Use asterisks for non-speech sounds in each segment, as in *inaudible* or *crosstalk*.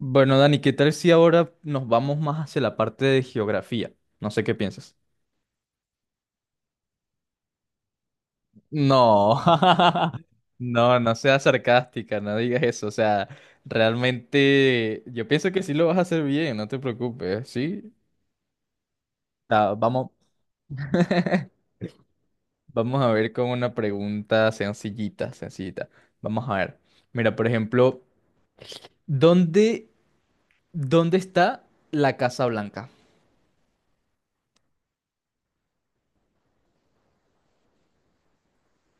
Bueno, Dani, ¿qué tal si ahora nos vamos más hacia la parte de geografía? No sé qué piensas. No, *laughs* no, no seas sarcástica, no digas eso. O sea, realmente yo pienso que sí lo vas a hacer bien, no te preocupes, ¿sí? Vamos, *laughs* vamos a ver con una pregunta sencillita, sencillita. Vamos a ver. Mira, por ejemplo, ¿dónde, ¿dónde está la Casa Blanca?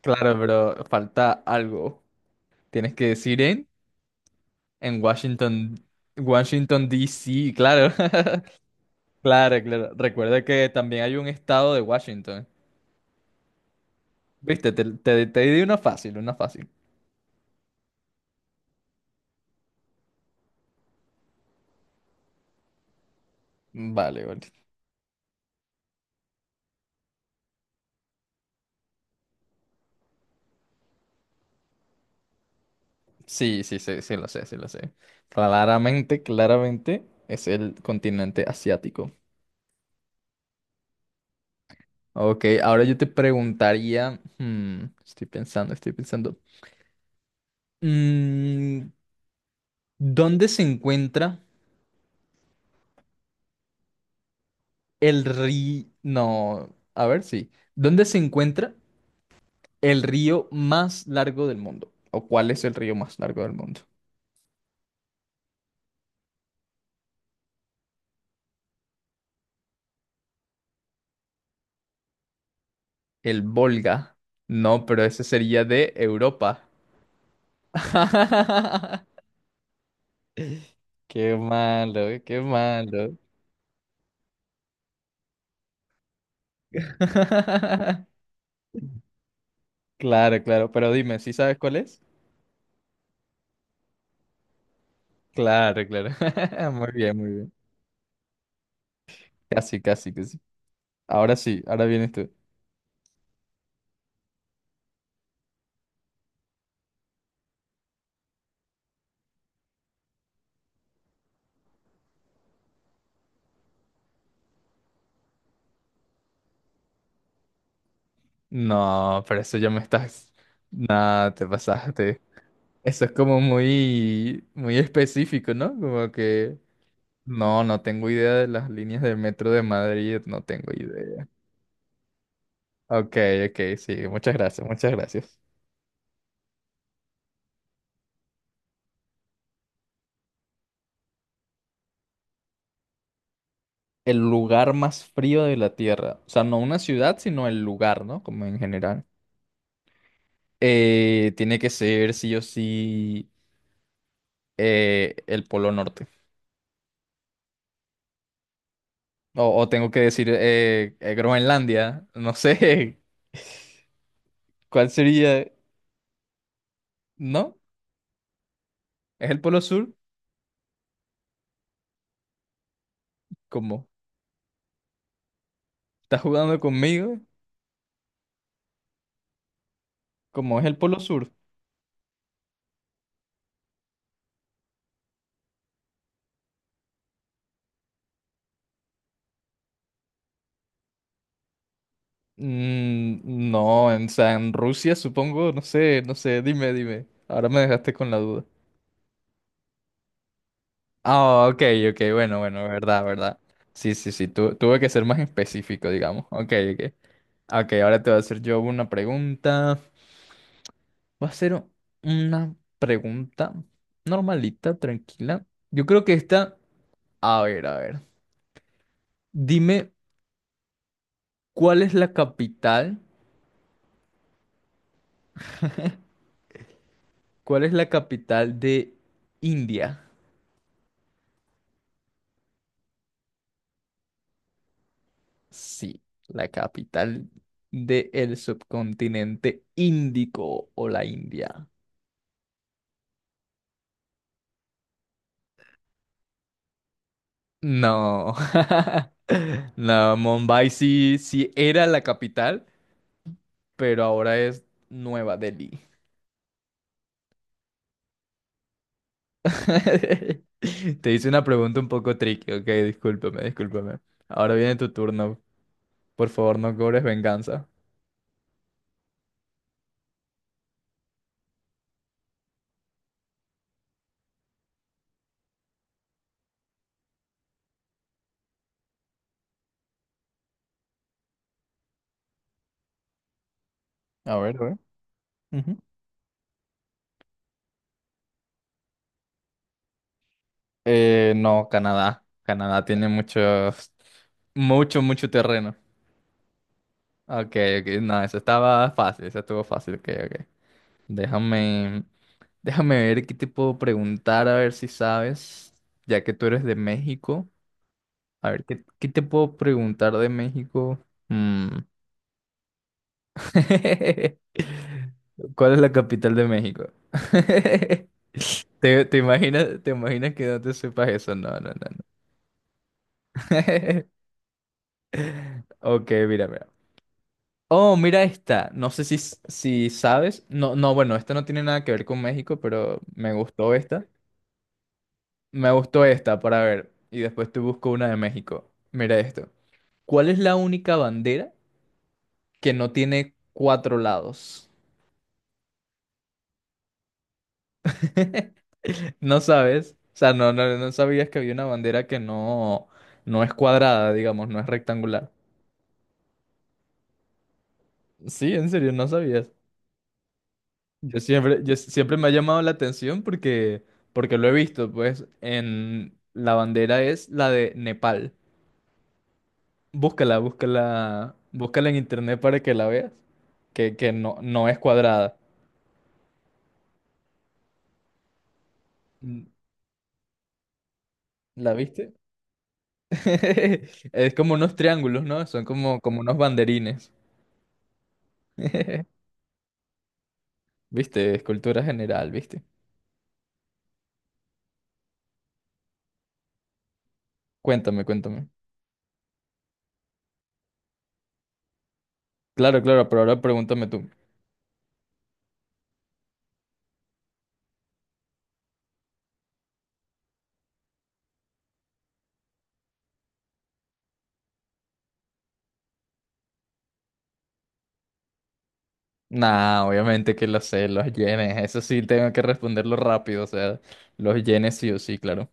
Claro, pero falta algo. Tienes que decir en... En Washington, Washington D.C. claro. *laughs* Claro, claro. Recuerda que también hay un estado de Washington. Viste, te di una fácil, una fácil. Vale, vale. Sí, sí, sí, sí lo sé, sí lo sé. Claramente, claramente es el continente asiático. Ok, ahora yo te preguntaría, estoy pensando, estoy pensando. Mm, ¿Dónde se encuentra el río? No, a ver, sí. ¿Dónde se encuentra el río más largo del mundo? ¿O cuál es el río más largo del mundo? El Volga. No, pero ese sería de Europa. *laughs* Qué malo, qué malo. *laughs* Claro, claro. Pero dime, ¿sí sabes cuál es? Claro, claro. *laughs* Muy bien, muy bien. Casi, casi, casi. Ahora sí, ahora vienes tú. No, pero eso ya me estás... Nada, te pasaste. Eso es como muy, muy específico, ¿no? Como que... No, no tengo idea de las líneas del metro de Madrid, no tengo idea. Ok, ok, sí, muchas gracias, muchas gracias. El lugar más frío de la Tierra, o sea, no una ciudad, sino el lugar, ¿no? Como en general. Tiene que ser sí o sí el Polo Norte. O tengo que decir Groenlandia, no sé, *laughs* ¿cuál sería? ¿No? ¿Es el Polo Sur? ¿Cómo? ¿Estás jugando conmigo? ¿Cómo es el Polo Sur? Mm, no, o sea, en Rusia supongo, no sé, no sé, dime, dime. Ahora me dejaste con la duda. Ah, ok, ok, bueno, bueno, verdad, verdad. Sí, sí, sí, tuve que ser más específico, digamos. Ok, ok. Ok, ahora te voy a hacer yo una pregunta. Va a ser una pregunta normalita, tranquila. Yo creo que esta... A ver, a ver. Dime, ¿cuál es la capital? ¿Cuál es la capital de India? Sí, la capital del subcontinente índico o la India. No, *laughs* no, Mumbai sí, sí era la capital, pero ahora es Nueva Delhi. *laughs* Te hice una pregunta un poco tricky, ok, discúlpame, discúlpame. Ahora viene tu turno. Por favor, no cobres venganza. A ver, a ver. Ujú. No, Canadá. Canadá tiene mucho, mucho, mucho terreno. Ok, ok, no, eso estaba fácil, eso estuvo fácil, ok, ok. Déjame, déjame ver qué te puedo preguntar, a ver si sabes, ya que tú eres de México. A ver, ¿qué te puedo preguntar de México? Mm. *laughs* ¿Cuál es la capital de México? *laughs* ¿Te imaginas, te imaginas que no te sepas eso? No, no, no, no. *laughs* Ok, mira, mira. Oh, mira esta. No sé si sabes. No, no, bueno, esta no tiene nada que ver con México, pero me gustó esta. Me gustó esta para ver. Y después te busco una de México. Mira esto. ¿Cuál es la única bandera que no tiene cuatro lados? *laughs* No sabes. O sea, no sabías que había una bandera que no, no es cuadrada, digamos, no es rectangular. Sí, en serio, no sabías. Yo siempre me ha llamado la atención porque, porque lo he visto, pues, en la bandera es la de Nepal. Búscala, búscala, búscala en internet para que la veas, que no, no es cuadrada. Mm, ¿La viste? *laughs* Es como unos triángulos, ¿no? Son como, como unos banderines. *laughs* ¿Viste? Escultura general, ¿viste? Cuéntame, cuéntame. Claro, claro, pero ahora pregúntame tú. Nah, obviamente que lo sé, los yenes. Eso sí, tengo que responderlo rápido. O sea, los yenes sí o sí, claro.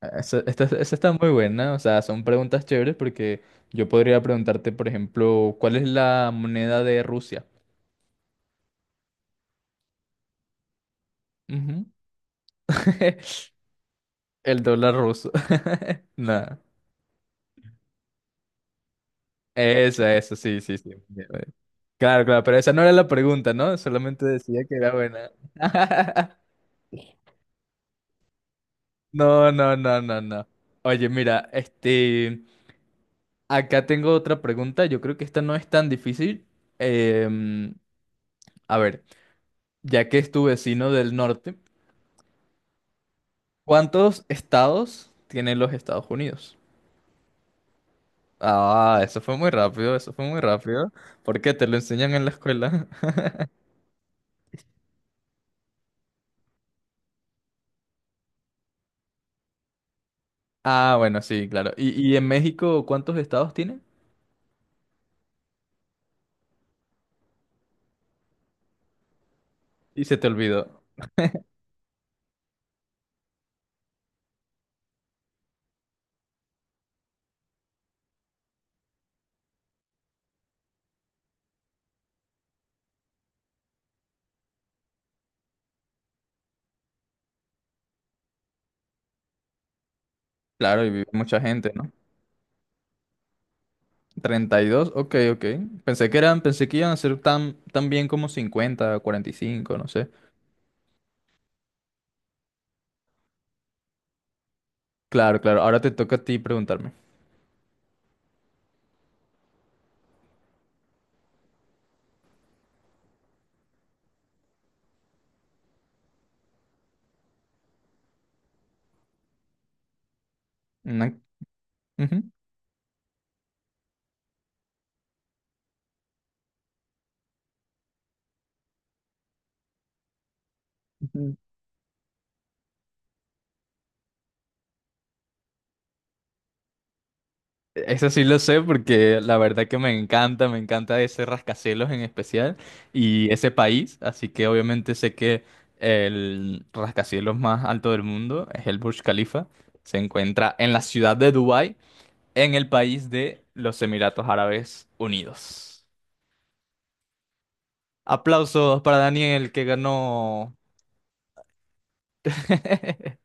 Esa está muy buena. O sea, son preguntas chéveres porque yo podría preguntarte, por ejemplo, ¿cuál es la moneda de Rusia? Ujú. *laughs* El dólar ruso. *laughs* Nah. Esa, sí, sí, sí. Claro, claro, pero esa no era la pregunta, ¿no? Solamente decía que era buena. *laughs* No, no, no, no, no. Oye, mira, este... Acá tengo otra pregunta, yo creo que esta no es tan difícil. Em, a ver, ya que es tu vecino del norte, ¿cuántos estados tienen los Estados Unidos? Ah, eso fue muy rápido, eso fue muy rápido. ¿Por qué te lo enseñan en la escuela? *laughs* Ah, bueno, sí, claro. ¿Y en México cuántos estados tiene? Y se te olvidó. Claro, y vive mucha gente, ¿no? 32, ok, ok. Pensé que eran, pensé que iban a ser tan, tan bien como 50, 45, no sé. Claro, claro. Ahora te toca a ti preguntarme. No... ujú, ujú. Eso sí lo sé porque la verdad que me encanta ese rascacielos en especial y ese país, así que obviamente sé que el rascacielos más alto del mundo es el Burj Khalifa, se encuentra en la ciudad de Dubái, en el país de los Emiratos Árabes Unidos. Aplausos para Daniel que ganó. *laughs*